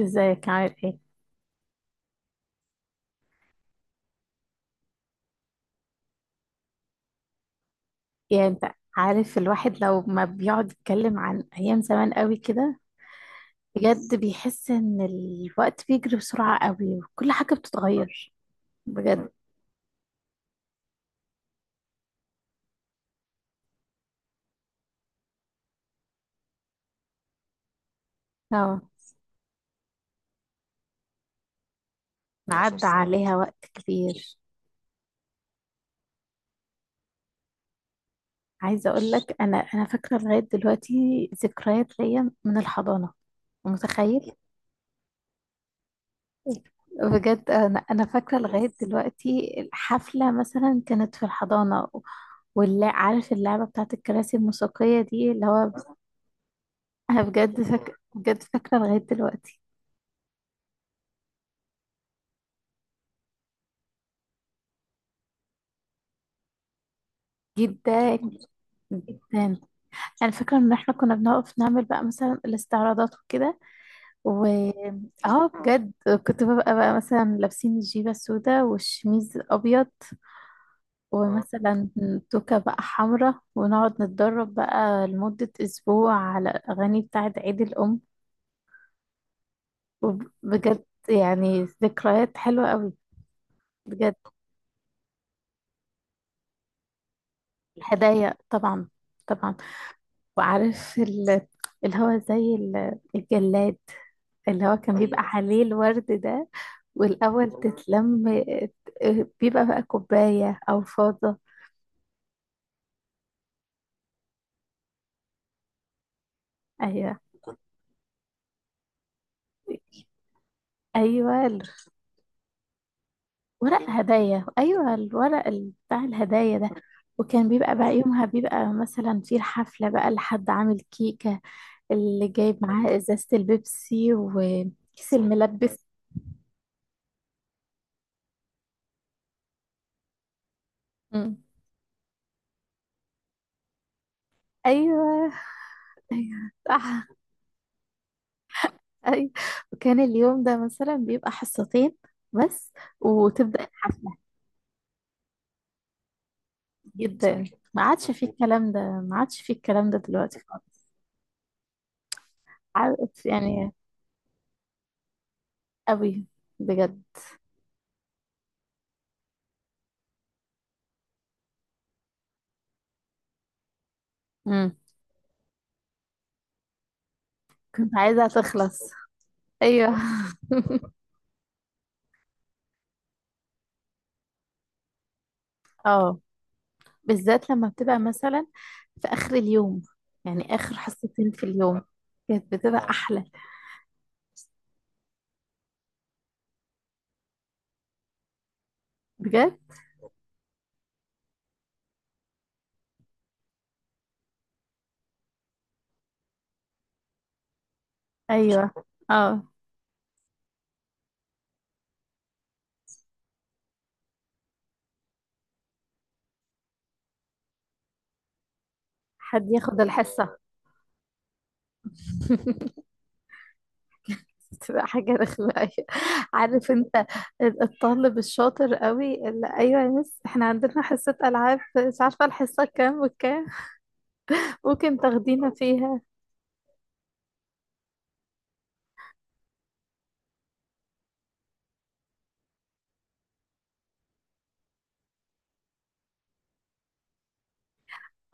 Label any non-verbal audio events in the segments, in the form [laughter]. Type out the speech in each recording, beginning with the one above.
ازيك، عامل ايه؟ يعني انت عارف، الواحد لو ما بيقعد يتكلم عن ايام زمان قوي كده، بجد بيحس ان الوقت بيجري بسرعة قوي وكل حاجة بتتغير، بجد. اه، عدى عليها وقت كبير. عايزة اقول لك انا فاكرة لغاية دلوقتي ذكريات ليا من الحضانة. متخيل؟ بجد انا فاكره لغايه دلوقتي الحفله مثلا كانت في الحضانه. واللي عارف اللعبه بتاعت الكراسي الموسيقيه دي، اللي هو انا بجد بجد فاكره لغايه دلوقتي. جدا. جدا. انا فاكره ان احنا كنا بنقف نعمل بقى مثلا الاستعراضات وكده، و اه بجد، كنت ببقى بقى مثلا لابسين الجيبه السوداء والشميز الابيض، ومثلا توكه بقى حمراء، ونقعد نتدرب بقى لمده اسبوع على الاغاني بتاعه عيد الام، وبجد يعني ذكريات حلوه قوي، بجد. الهدايا طبعا. طبعا. وعارف، اللي هو زي الجلاد اللي هو كان بيبقى، ايوه، عليه الورد ده. والأول تتلم، بيبقى بقى كوباية أو فاضة. أيوة. أيوة ورق هدايا، أيوة الورق بتاع الهدايا ده. وكان بيبقى بقى يومها بيبقى مثلا في الحفلة بقى لحد عامل كيكة، اللي جايب معاه إزازة البيبسي وكيس الملبس. أمم. أيوة. أيوة صح. [laughs] أي. وكان اليوم ده مثلا بيبقى حصتين بس، وتبدأ الحفلة. جدا. ما عادش فيه الكلام ده، ما عادش فيه الكلام ده دلوقتي خالص، عارف يعني. قوي. بجد. مم. كنت عايزة تخلص، أيوه. [laughs] اه، بالذات لما بتبقى مثلا في آخر اليوم، يعني آخر حصتين في اليوم كانت بتبقى أحلى. بجد. أيوه. اه. حد ياخد الحصة. [laughs] بتبقى حاجة رخمة أوي. عارف انت الطالب الشاطر قوي اللي، ايوه يا مس، احنا عندنا حصة العاب، مش عارفة الحصة كام وكام، ممكن تاخدينا فيها؟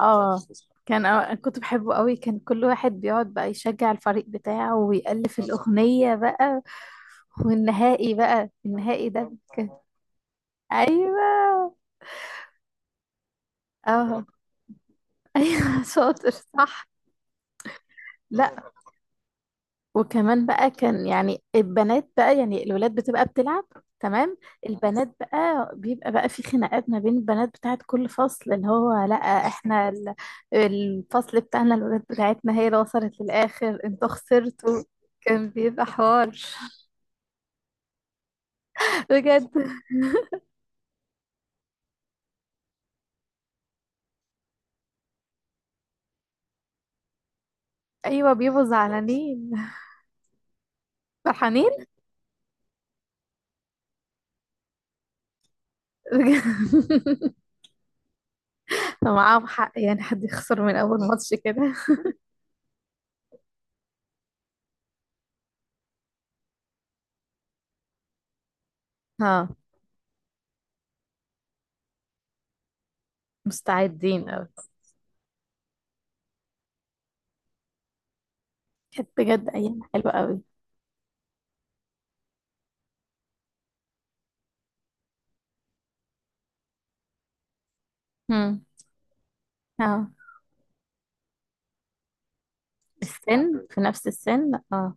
اه، كنت بحبه قوي، كان كل واحد بيقعد بقى يشجع الفريق بتاعه ويألف الأغنية بقى. والنهائي بقى، النهائي ده. ايوه. اه. ايوه. [laughs] شاطر صح. لا، وكمان بقى كان، يعني البنات بقى، يعني الولاد بتبقى بتلعب. تمام. البنات بقى بيبقى بقى في خناقات ما بين البنات بتاعت كل فصل، اللي هو لا، احنا ال- الفصل بتاعنا الولاد بتاعتنا هي اللي وصلت للآخر، انتوا خسرتوا. كان بيبقى حوار. [laughs] بجد. ايوه، بيبقوا زعلانين. فرحانين. بجد. [laughs] معاهم حق، يعني حد يخسر من اول ماتش كده. اه، مستعدين قوي. كانت بجد ايام حلوه قوي. امم. اه. السن، في نفس السن، اه.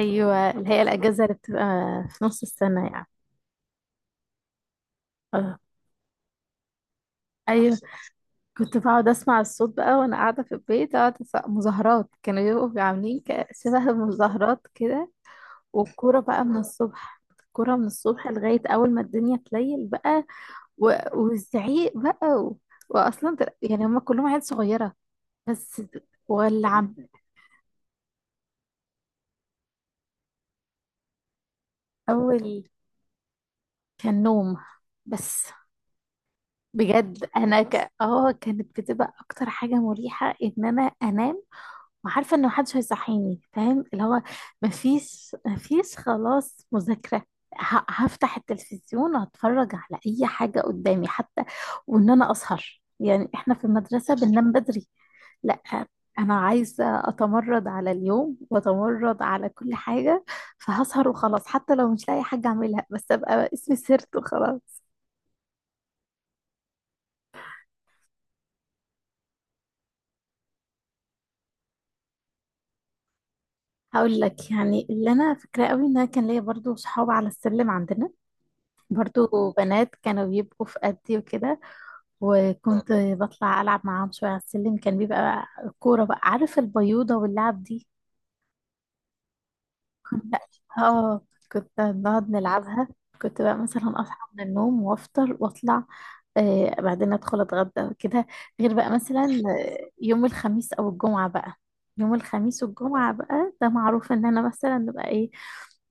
ايوه، اللي هي الاجازه اللي بتبقى في نص السنه يعني. اه. ايوه. كنت بقعد اسمع الصوت بقى وانا قاعده في البيت، اقعد أسمع مظاهرات كانوا بيبقوا عاملين شبه مظاهرات كده. والكوره بقى من الصبح، لغايه اول ما الدنيا تليل بقى، والزعيق بقى، واصلا يعني هم كلهم عيال صغيره، بس. ولع. اول كان نوم. بس. بجد انا ك... اه كانت بتبقى اكتر حاجه مريحه ان انا انام، وعارفه ان محدش هيصحيني، فاهم؟ اللي هو مفيش خلاص مذاكره، هفتح التلفزيون واتفرج على اي حاجه قدامي حتى، وان انا اسهر، يعني احنا في المدرسه بننام بدري. لا، انا عايزه اتمرد على اليوم واتمرد على كل حاجه، فهسهر وخلاص، حتى لو مش لاقي حاجه اعملها، بس ابقى اسمي سهرت وخلاص. هقول لك، يعني اللي انا فاكراه قوي ان انا كان ليا برضو صحاب على السلم عندنا، برضو بنات كانوا بيبقوا في قدي وكده، اه. وكنت بطلع العب معاهم شويه على السلم، كان بيبقى كوره بقى، عارف البيوضه واللعب دي. كنت اه كنت نقعد نلعبها. كنت بقى مثلا اصحى من النوم وافطر واطلع، بعدين ادخل اتغدى وكده. غير بقى مثلا، يوم الخميس والجمعة بقى، ده معروف ان انا مثلا نبقى ايه،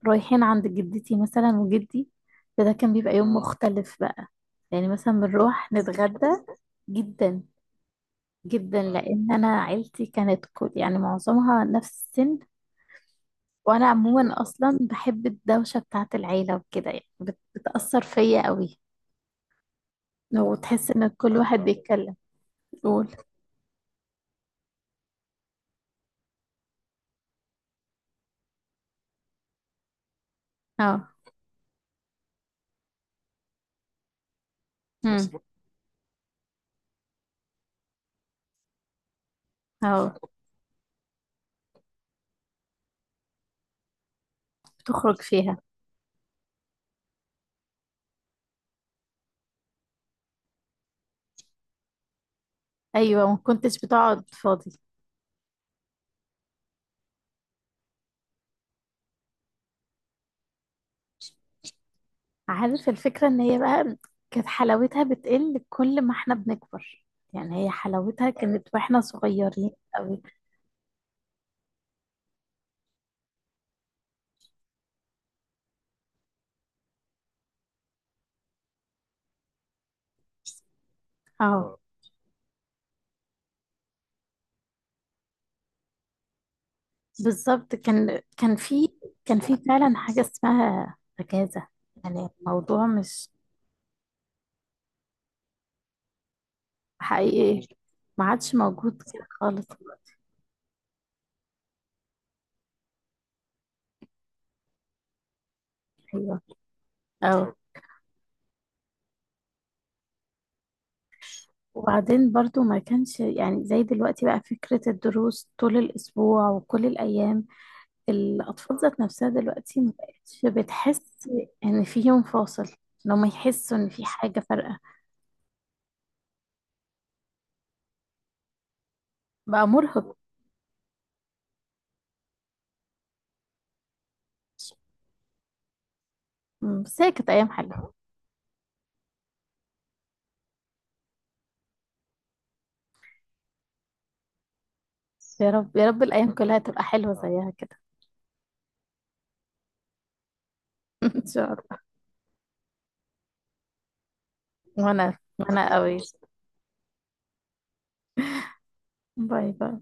رايحين عند جدتي مثلا وجدي، فده كان بيبقى يوم مختلف بقى، يعني مثلا بنروح نتغدى. جدا. جدا، لان انا عيلتي كانت، كل يعني معظمها نفس السن. وانا عموما اصلا بحب الدوشه بتاعه العيله وكده، يعني بتاثر فيا قوي، لو تحس ان كل واحد بيتكلم يقول. اه. امم. اه. بتخرج فيها. ايوه، ما كنتش بتقعد فاضي. عارف الفكره ان هي بقى كانت حلاوتها بتقل كل ما احنا بنكبر، يعني هي حلاوتها كانت واحنا صغيرين قوي. اه، بالظبط. كان في فعلا حاجه اسمها اجازه، يعني الموضوع مش حقيقي. ما عادش موجود كده خالص. ايوه. اه، وبعدين برضو ما كانش يعني زي دلوقتي بقى فكرة الدروس طول الأسبوع وكل الأيام. الأطفال ذات نفسها دلوقتي ما بقتش بتحس إن في يوم فاصل، إن هم يحسوا إن في حاجة فارقة. بقى مرهق. بس هي كانت أيام حلوة. يا رب، يا رب الأيام كلها تبقى حلوة زيها كده. [laughs] إن شاء الله. وأنا قوي. باي باي.